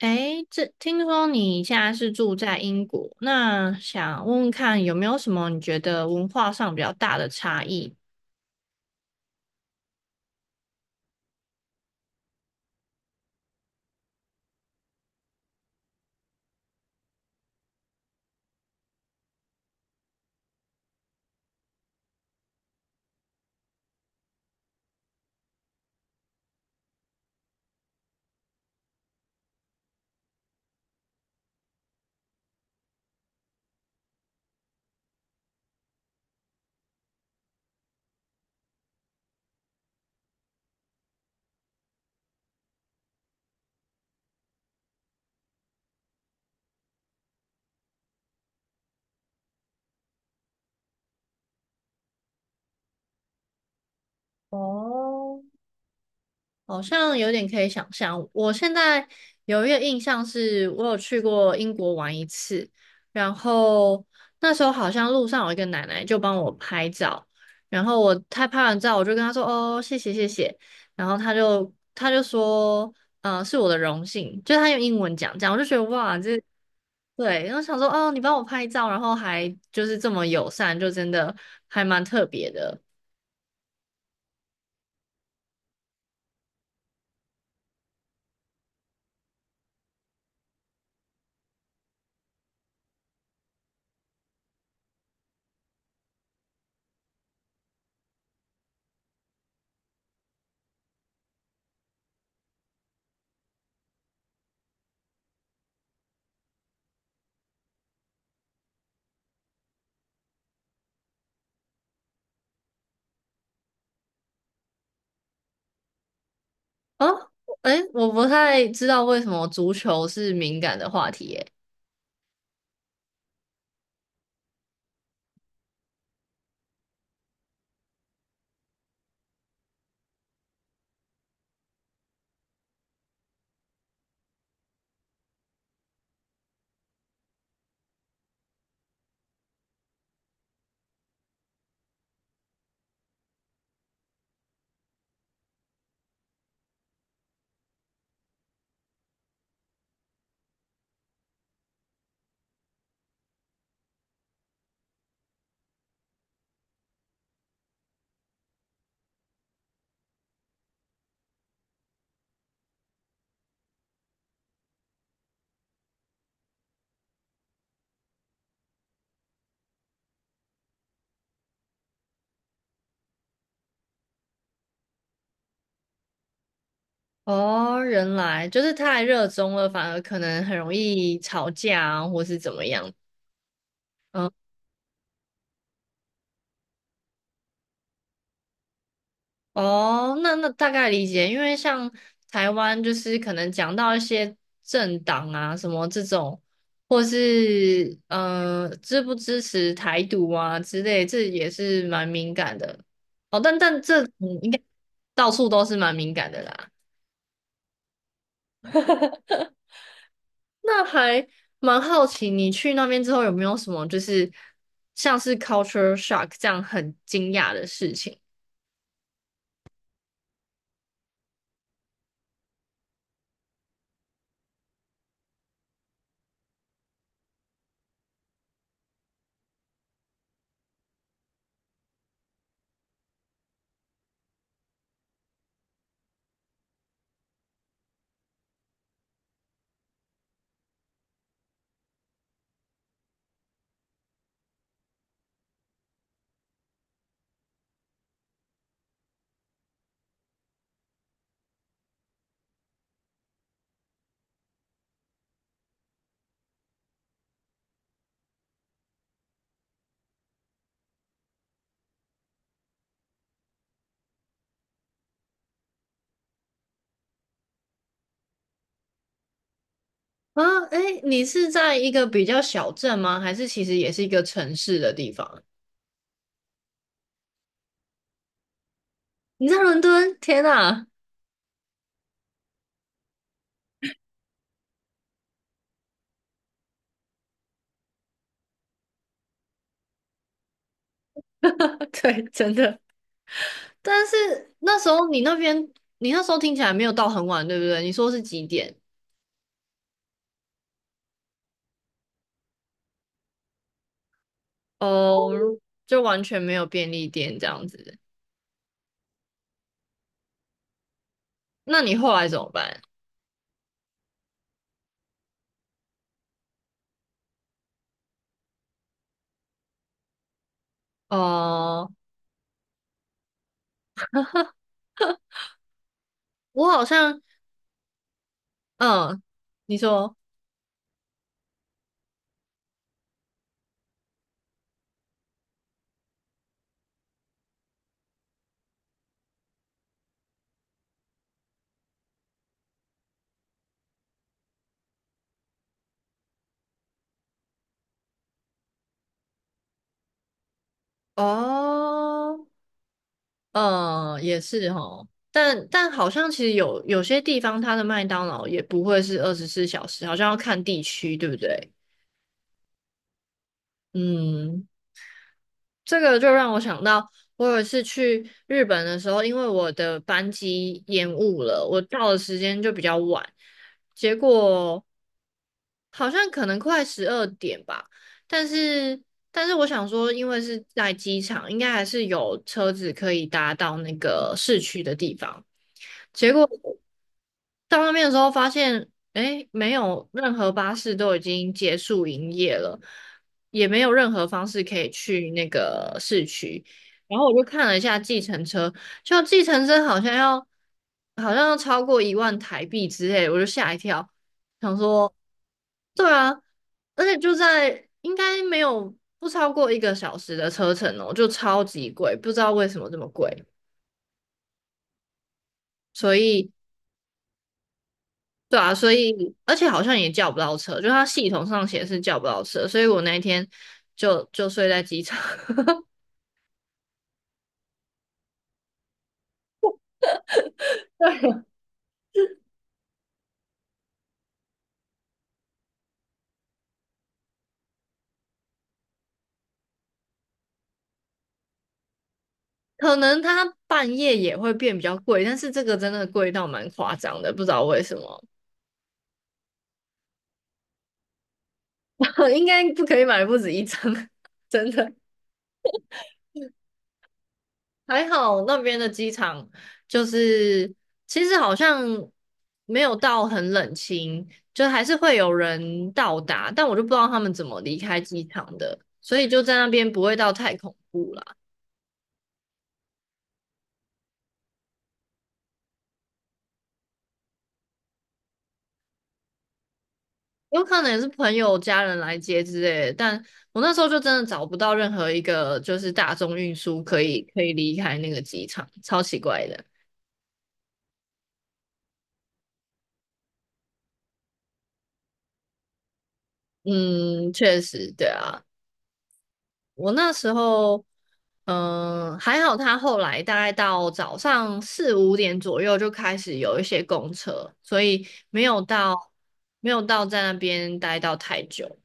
诶，这听说你现在是住在英国，那想问问看有没有什么你觉得文化上比较大的差异？哦，好像有点可以想象。我现在有一个印象是，我有去过英国玩一次，然后那时候好像路上有一个奶奶就帮我拍照，然后她拍完照，我就跟她说："哦，谢谢谢谢。"然后她就说："嗯、是我的荣幸。"就她用英文讲这样，我就觉得哇，这对，然后想说："哦，你帮我拍照，然后还就是这么友善，就真的还蛮特别的。"啊，哎，我不太知道为什么足球是敏感的话题耶。哦，原来就是太热衷了，反而可能很容易吵架啊，或是怎么样。嗯，哦，那大概理解，因为像台湾就是可能讲到一些政党啊什么这种，或是支不支持台独啊之类，这也是蛮敏感的。哦，但这应该到处都是蛮敏感的啦。那还蛮好奇，你去那边之后有没有什么就是像是 culture shock 这样很惊讶的事情啊？诶，你是在一个比较小镇吗？还是其实也是一个城市的地方？你在伦敦？天呐，对，真的。但是那时候你那边，你那时候听起来没有到很晚，对不对？你说是几点？哦，就完全没有便利店这样子。那你后来怎么办？哦、我好像，嗯，你说。哦，嗯，也是哦，但好像其实有些地方它的麦当劳也不会是24小时，好像要看地区，对不对？嗯，这个就让我想到，我有一次去日本的时候，因为我的班机延误了，我到的时间就比较晚，结果好像可能快12点吧，但是但是我想说，因为是在机场，应该还是有车子可以搭到那个市区的地方。结果到那边的时候发现，哎，没有任何巴士都已经结束营业了，也没有任何方式可以去那个市区。然后我就看了一下计程车，就计程车好像要超过1万台币之类的，我就吓一跳，想说对啊，而且就在应该没有不超过一个小时的车程哦，就超级贵，不知道为什么这么贵。所以对啊，所以而且好像也叫不到车，就它系统上显示叫不到车，所以我那一天就睡在机场。可能它半夜也会变比较贵，但是这个真的贵到蛮夸张的，不知道为什么，应该不可以买不止一张，真的。还好那边的机场就是其实好像没有到很冷清，就还是会有人到达，但我就不知道他们怎么离开机场的，所以就在那边不会到太恐怖啦。有可能也是朋友、家人来接之类的，但我那时候就真的找不到任何一个就是大众运输可以离开那个机场，超奇怪的。嗯，确实，对啊，我那时候，还好他后来大概到早上4、5点左右就开始有一些公车，所以没有到在那边待到太久。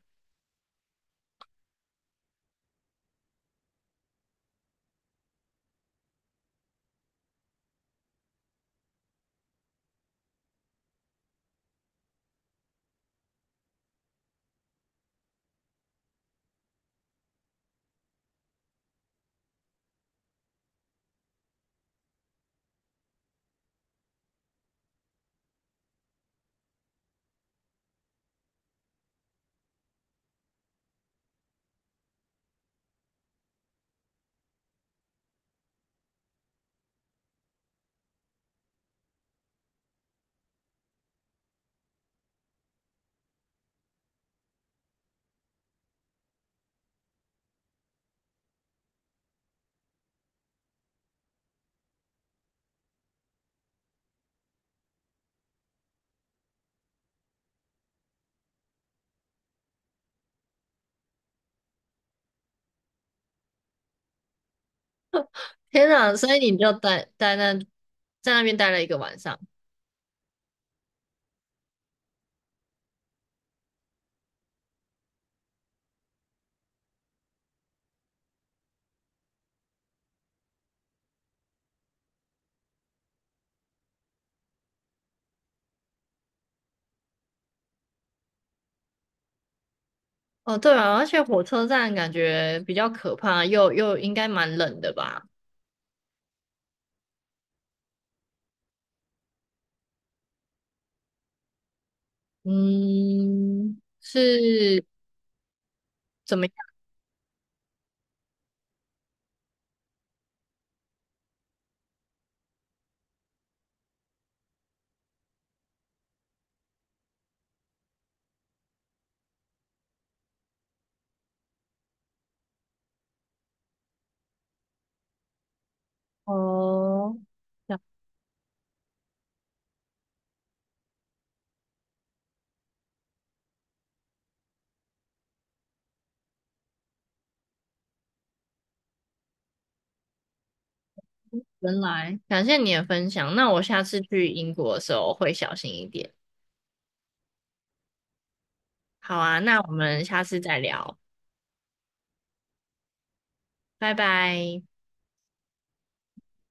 天哪，所以你就待待那在那边待了一个晚上。哦，对啊，而且火车站感觉比较可怕，又应该蛮冷的吧？嗯，是怎么样？哦，呀原来，感谢你的分享。那我下次去英国的时候会小心一点。好啊，那我们下次再聊，拜拜。